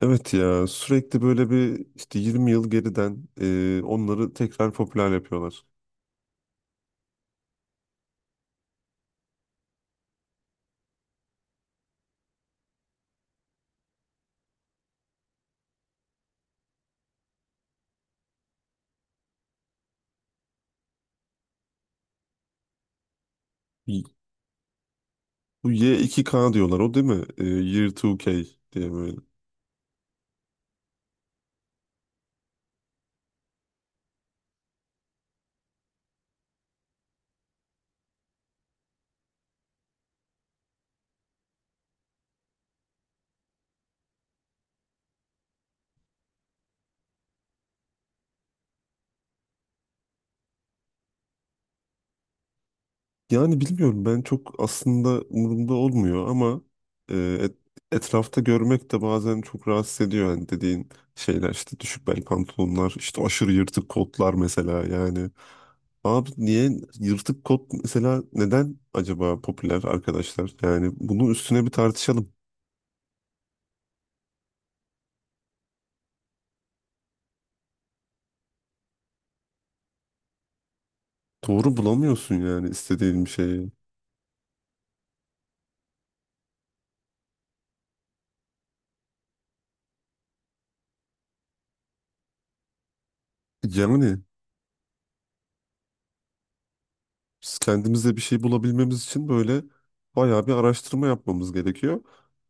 Evet ya sürekli böyle bir işte 20 yıl geriden onları tekrar popüler yapıyorlar. Y- Bu Y2K diyorlar o değil mi? Year 2K diye böyle. Yani bilmiyorum ben çok aslında umurumda olmuyor ama e, et- etrafta görmek de bazen çok rahatsız ediyor. Yani dediğin şeyler işte düşük bel pantolonlar işte aşırı yırtık kotlar mesela yani. Abi niye yırtık kot mesela neden acaba popüler arkadaşlar? Yani bunun üstüne bir tartışalım. Doğru bulamıyorsun yani istediğin bir şeyi. Yani biz kendimize bir şey bulabilmemiz için böyle bayağı bir araştırma yapmamız gerekiyor.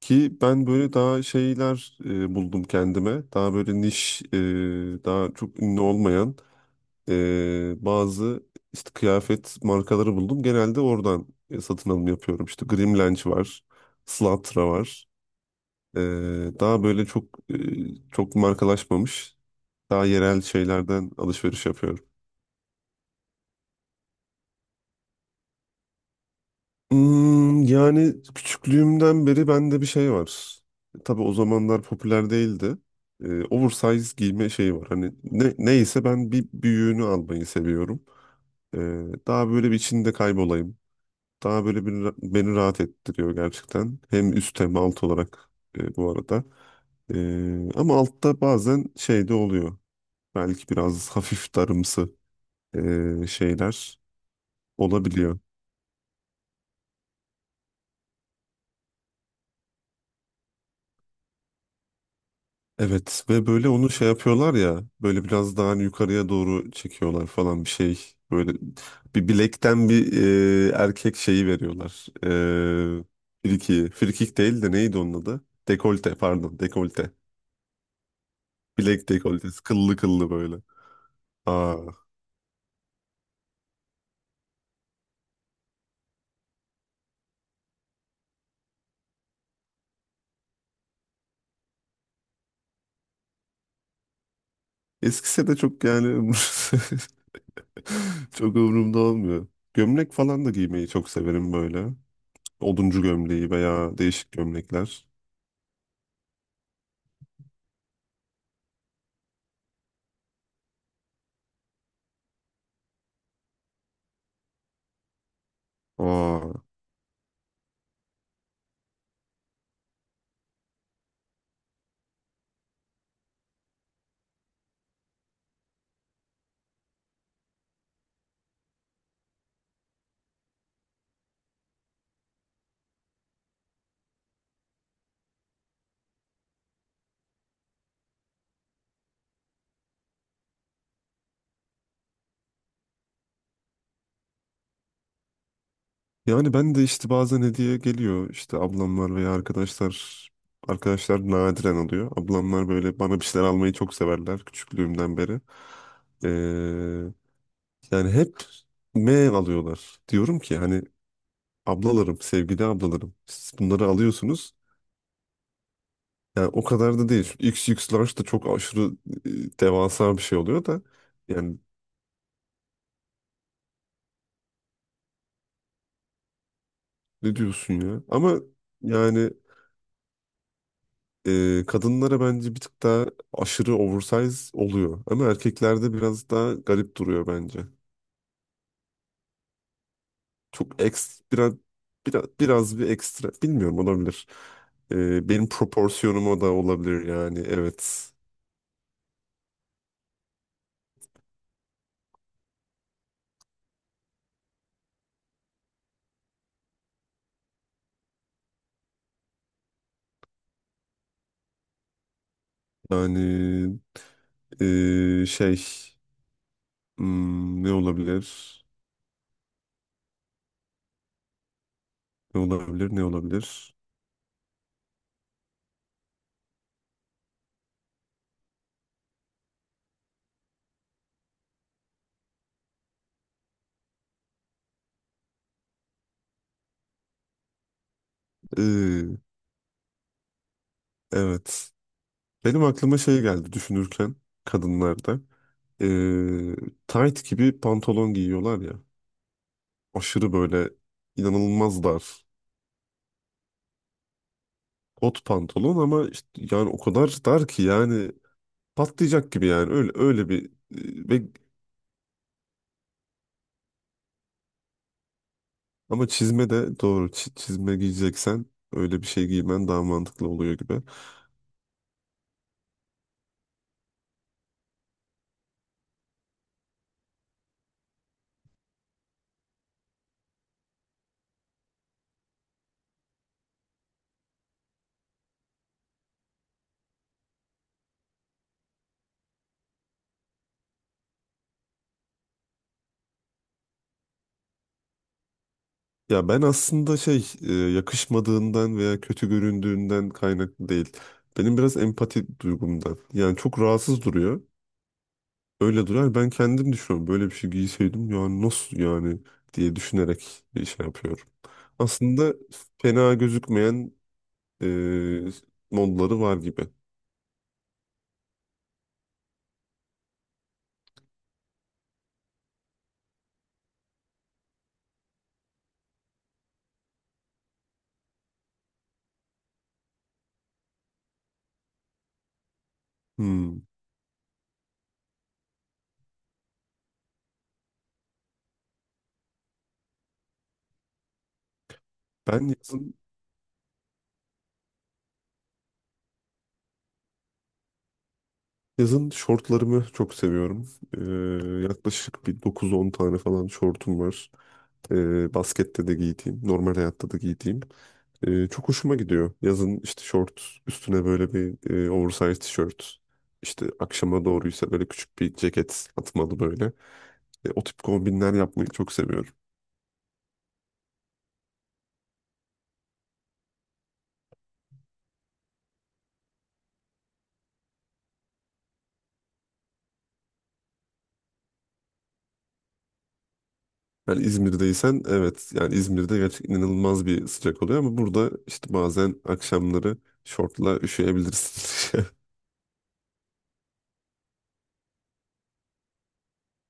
Ki ben böyle daha şeyler buldum kendime. Daha böyle niş, daha çok ünlü olmayan bazı işte kıyafet markaları buldum. Genelde oradan satın alım yapıyorum. İşte Grimlench var, Slatra var. E, daha böyle çok çok markalaşmamış, daha yerel şeylerden alışveriş yapıyorum. Yani küçüklüğümden beri bende bir şey var. Tabii o zamanlar popüler değildi. Oversize giyme şeyi var. Hani ne, neyse ben bir büyüğünü almayı seviyorum. Ee, daha böyle bir içinde kaybolayım. Daha böyle bir, beni rahat ettiriyor gerçekten. Hem üst hem alt olarak bu arada. Ama altta bazen şey de oluyor. Belki biraz hafif darımsı şeyler olabiliyor. Evet ve böyle onu şey yapıyorlar ya böyle biraz daha hani yukarıya doğru çekiyorlar falan bir şey. Böyle bir bilekten bir erkek şeyi veriyorlar. Friki. Frikik değil de neydi onun adı? Dekolte pardon dekolte. Bilek dekoltesi kıllı kıllı böyle. Aa, eskisi de çok yani çok umurumda olmuyor. Gömlek falan da giymeyi çok severim böyle. Oduncu gömleği veya değişik gömlekler. Aa. Yani ben de işte bazen hediye geliyor işte ablamlar veya arkadaşlar nadiren oluyor. Ablamlar böyle bana bir şeyler almayı çok severler küçüklüğümden beri. Ee, yani hep M alıyorlar. Diyorum ki hani ablalarım, sevgili ablalarım siz bunları alıyorsunuz. Yani o kadar da değil. XXL da çok aşırı devasa bir şey oluyor da yani ne diyorsun ya? Ama yani kadınlara bence bir tık daha aşırı oversize oluyor. Ama erkeklerde biraz daha garip duruyor bence. Çok eks, biraz bir ekstra. Bilmiyorum olabilir. Benim proporsiyonuma da olabilir yani evet. Yani şey ne olabilir? Ne olabilir? Ne olabilir? E, evet. Benim aklıma şey geldi düşünürken kadınlarda. E, tight gibi pantolon giyiyorlar ya. Aşırı böyle inanılmaz dar. Kot pantolon ama işte yani o kadar dar ki yani patlayacak gibi yani öyle öyle bir. Ve ama çizme de doğru çizme giyeceksen öyle bir şey giymen daha mantıklı oluyor gibi. Ya ben aslında şey yakışmadığından veya kötü göründüğünden kaynaklı değil. Benim biraz empati duygumdan. Yani çok rahatsız duruyor. Öyle durar. Ben kendim düşünüyorum. Böyle bir şey giyseydim yani nasıl yani diye düşünerek bir şey yapıyorum. Aslında fena gözükmeyen e, modları var gibi. Hmm. Ben yazın şortlarımı çok seviyorum. Yaklaşık bir 9-10 tane falan şortum var. Baskette de giydiğim, normal hayatta da giydiğim. Çok hoşuma gidiyor. Yazın işte şort, üstüne böyle bir oversize tişört. İşte akşama doğruysa böyle küçük bir ceket atmalı böyle. O tip kombinler yapmayı çok seviyorum. Yani İzmir'deysen evet yani İzmir'de gerçekten inanılmaz bir sıcak oluyor ama burada işte bazen akşamları şortla üşüyebilirsin.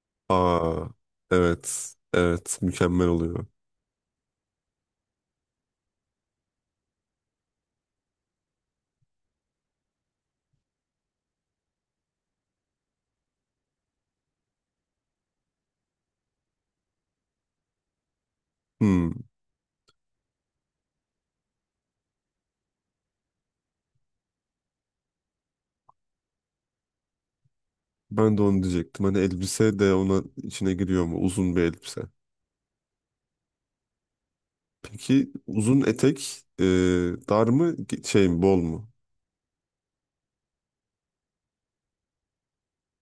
Aa evet evet mükemmel oluyor. Hmm, ben de onu diyecektim hani elbise de ona içine giriyor mu uzun bir elbise. Peki uzun etek dar mı şey mi bol mu?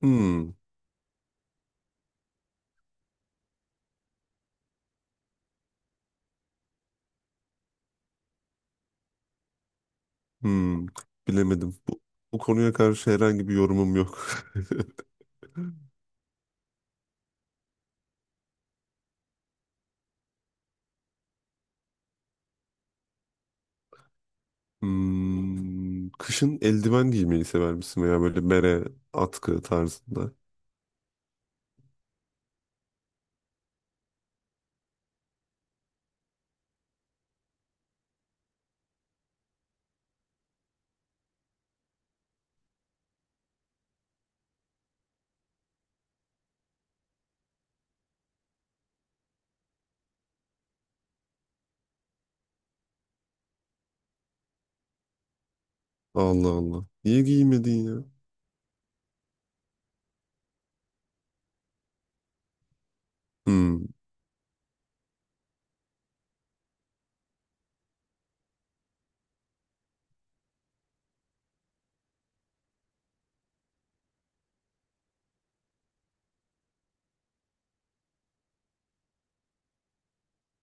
Hmm, hmm, bilemedim bu konuya karşı herhangi bir yorumum yok. Kışın eldiven giymeyi sever misin veya böyle bere, atkı tarzında? Allah Allah. Niye giymedin ya? Hmm.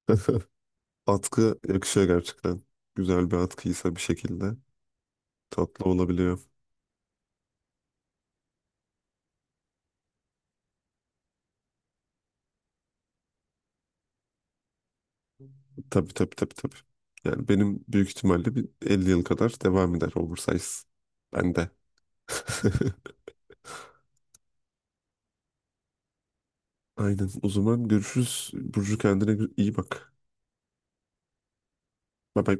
Atkı yakışıyor gerçekten. Güzel bir atkıysa bir şekilde tatlı olabiliyor. Tabii tabii tabii tabii. Yani benim büyük ihtimalle bir 50 yıl kadar devam eder oversize. Bende. Aynen. O zaman görüşürüz. Burcu kendine iyi bak. Bye bye.